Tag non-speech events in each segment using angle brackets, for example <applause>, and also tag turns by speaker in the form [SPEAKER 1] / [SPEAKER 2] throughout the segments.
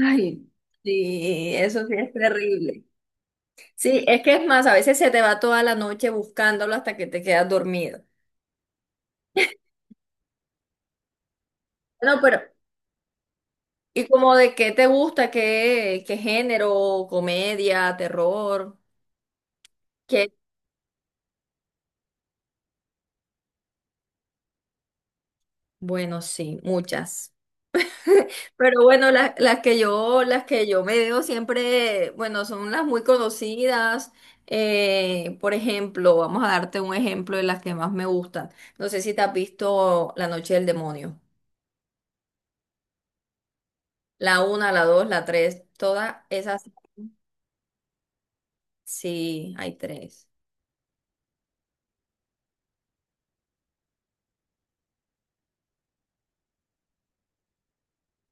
[SPEAKER 1] Ay, sí, eso sí es terrible. Sí, es que es más, a veces se te va toda la noche buscándolo hasta que te quedas dormido. No, pero, ¿y como de qué te gusta? ¿Qué género? ¿Comedia? ¿Terror? ¿Qué? Bueno, sí, muchas. Pero bueno, las que yo me veo siempre, bueno, son las muy conocidas. Por ejemplo, vamos a darte un ejemplo de las que más me gustan. No sé si te has visto La Noche del Demonio. La una, la dos, la tres, todas esas. Sí, hay tres.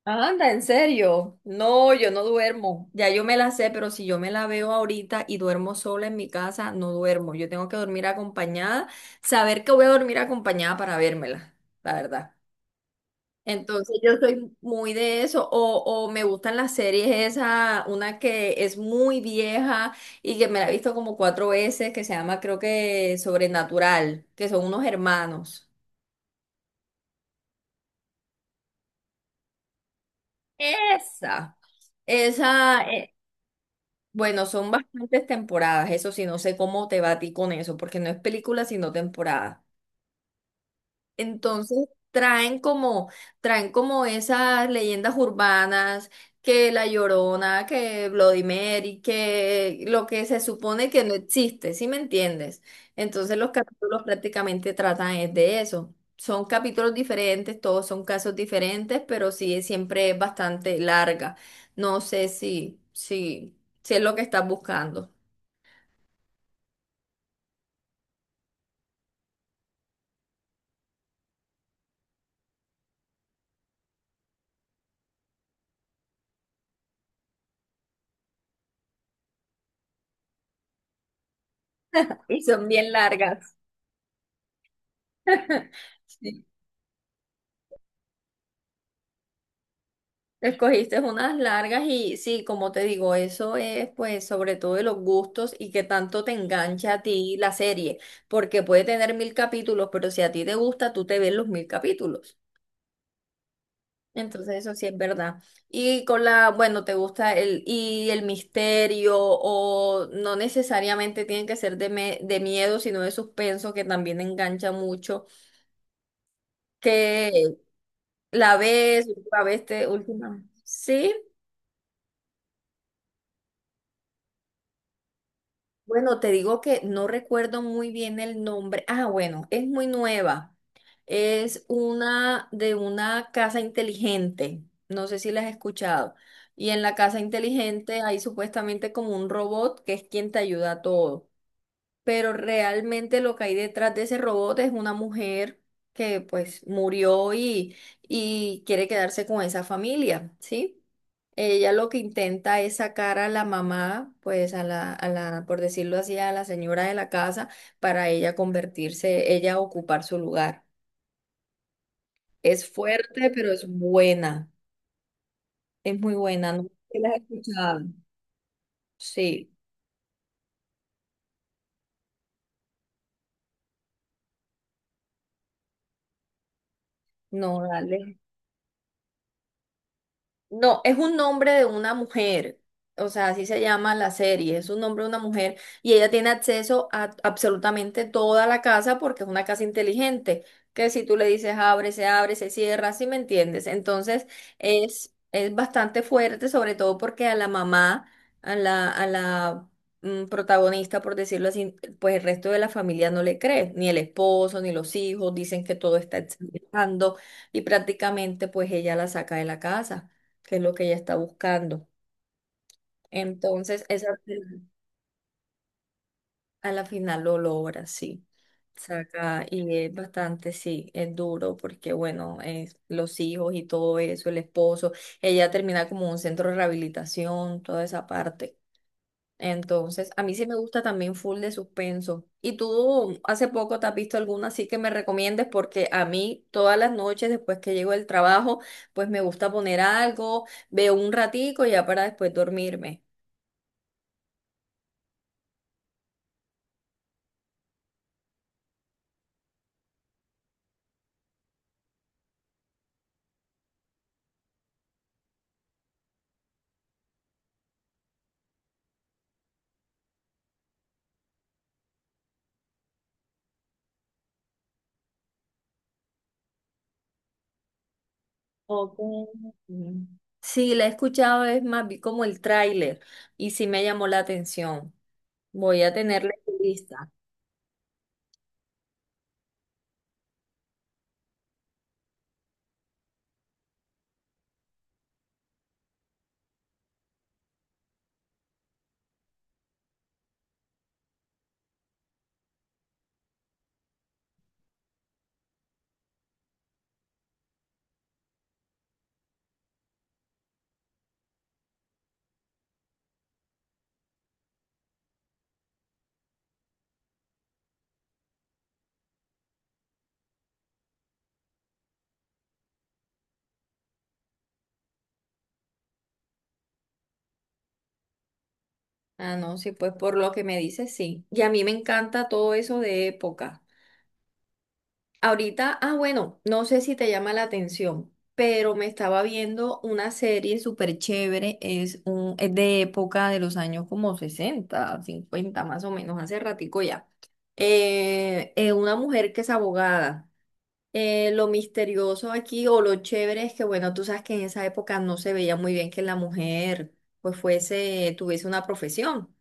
[SPEAKER 1] Anda, en serio. No, yo no duermo. Ya yo me la sé, pero si yo me la veo ahorita y duermo sola en mi casa, no duermo. Yo tengo que dormir acompañada, saber que voy a dormir acompañada para vérmela, la verdad. Entonces yo soy muy de eso, o me gustan las series esa, una que es muy vieja y que me la he visto como cuatro veces, que se llama creo que Sobrenatural, que son unos hermanos. Esa, esa, eh, bueno, son bastantes temporadas, eso sí, no sé cómo te va a ti con eso, porque no es película, sino temporada. Entonces traen como, Traen como esas leyendas urbanas, que La Llorona, que Bloody Mary, que lo que se supone que no existe, ¿sí me entiendes? Entonces los capítulos prácticamente tratan es de eso. Son capítulos diferentes, todos son casos diferentes, pero sí es- siempre es bastante larga. No sé si es lo que estás buscando. <laughs> Y son bien largas. <laughs> Escogiste unas largas y sí, como te digo, eso es pues sobre todo de los gustos y que tanto te engancha a ti la serie, porque puede tener mil capítulos, pero si a ti te gusta, tú te ves los mil capítulos. Entonces eso sí es verdad. Y con la, bueno, te gusta el, y el misterio o no necesariamente tienen que ser de, me- de miedo, sino de suspenso, que también engancha mucho, que la ves te última. Sí. Bueno, te digo que no recuerdo muy bien el nombre. Ah, bueno, es muy nueva. Es una de una casa inteligente. No sé si la has escuchado. Y en la casa inteligente hay supuestamente como un robot que es quien te ayuda a todo, pero realmente lo que hay detrás de ese robot es una mujer que pues y quiere quedarse con esa familia, ¿sí? Ella lo que intenta es sacar a la mamá, pues por decirlo así, a la señora de la casa, para ella convertirse, ella ocupar su lugar. Es fuerte, pero es buena, es muy buena, no sé si la has escuchado. Sí, no, dale. No, es un nombre de una mujer, o sea, así se llama la serie, es un nombre de una mujer y ella tiene acceso a absolutamente toda la casa porque es una casa inteligente, que si tú le dices abre, se cierra, ¿si me entiendes? Entonces es bastante fuerte, sobre todo porque a la mamá, a la, a la protagonista, por decirlo así, pues el resto de la familia no le cree, ni el esposo, ni los hijos, dicen que todo está exagerando y prácticamente pues ella la saca de la casa, que es lo que ella está buscando. Entonces, esa, a la final lo logra, sí. Saca, y es bastante, sí, es duro porque, bueno, es los hijos y todo eso, el esposo, ella termina como en un centro de rehabilitación, toda esa parte. Entonces, a mí sí me gusta también full de suspenso. ¿Y tú hace poco te has visto alguna así que me recomiendes? Porque a mí todas las noches después que llego del trabajo, pues me gusta poner algo, veo un ratico y ya para después dormirme. Ok. Ujú. Sí, la he escuchado, es más, vi como el tráiler y sí me llamó la atención. Voy a tenerla en lista. Ah, no, sí, pues por lo que me dices sí. Y a mí me encanta todo eso de época. Ahorita, ah, bueno, no sé si te llama la atención, pero me estaba viendo una serie súper chévere, es, un, es de época de los años como 60 50 más o menos, hace ratico ya. Una mujer que es abogada. Lo misterioso aquí o lo chévere es que, bueno, tú sabes que en esa época no se veía muy bien que la mujer pues fuese, tuviese una profesión,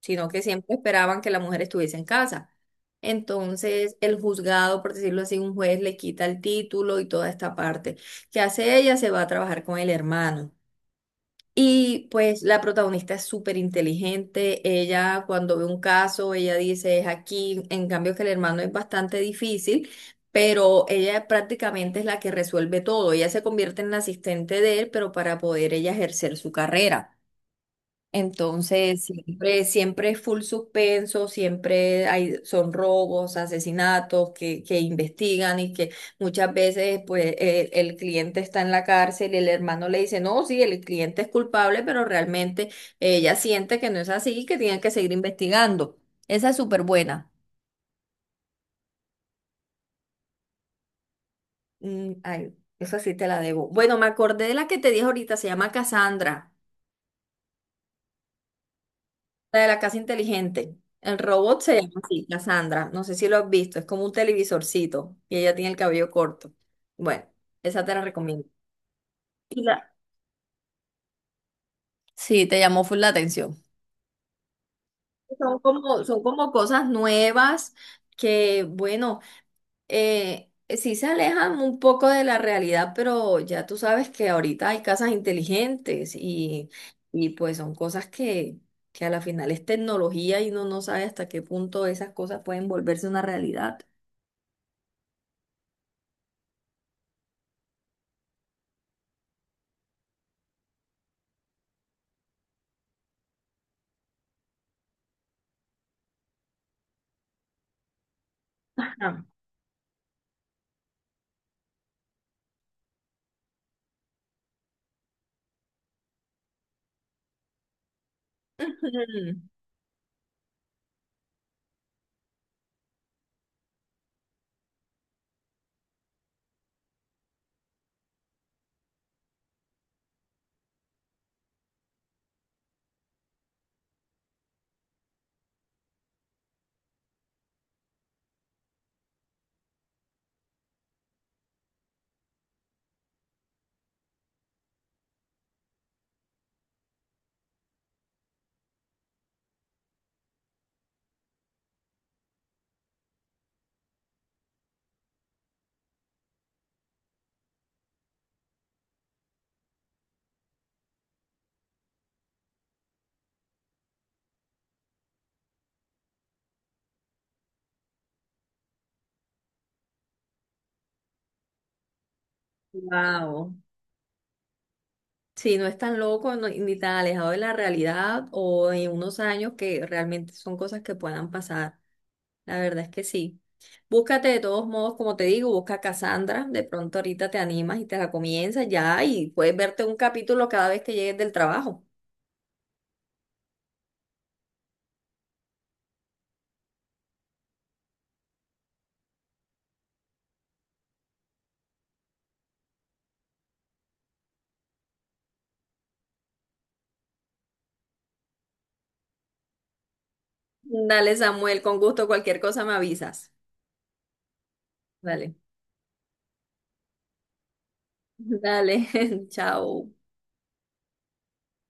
[SPEAKER 1] sino que siempre esperaban que la mujer estuviese en casa. Entonces, el juzgado, por decirlo así, un juez le quita el título y toda esta parte. ¿Qué hace ella? Se va a trabajar con el hermano. Y pues la protagonista es súper inteligente, ella cuando ve un caso, ella dice es aquí, en cambio que el hermano es bastante difícil, pero ella prácticamente es la que resuelve todo, ella se convierte en la asistente de él, pero para poder ella ejercer su carrera. Entonces, siempre es full suspenso, siempre hay, son robos, asesinatos que investigan y que muchas veces pues el cliente está en la cárcel y el hermano le dice, no, sí, el cliente es culpable, pero realmente ella siente que no es así y que tienen que seguir investigando. Esa es súper buena. Mm, ay, esa sí te la debo. Bueno, me acordé de la que te dije ahorita, se llama Cassandra. La de la casa inteligente. El robot se llama así, Cassandra. No sé si lo has visto. Es como un televisorcito y ella tiene el cabello corto. Bueno, esa te la recomiendo. Y la- Sí, te llamó full la atención. Son como cosas nuevas que, bueno, sí se alejan un poco de la realidad, pero ya tú sabes que ahorita hay casas inteligentes y pues son cosas que a la final es tecnología y uno no sabe hasta qué punto esas cosas pueden volverse una realidad. Wow. Sí, no es tan loco no- ni tan alejado de la realidad o de unos años que realmente son cosas que puedan pasar. La verdad es que sí. Búscate de todos modos, como te digo, busca Cassandra. De pronto ahorita te animas y te la comienzas ya y puedes verte un capítulo cada vez que llegues del trabajo. Dale, Samuel, con gusto, cualquier cosa me avisas. Dale. <laughs> Dale, <laughs> chao.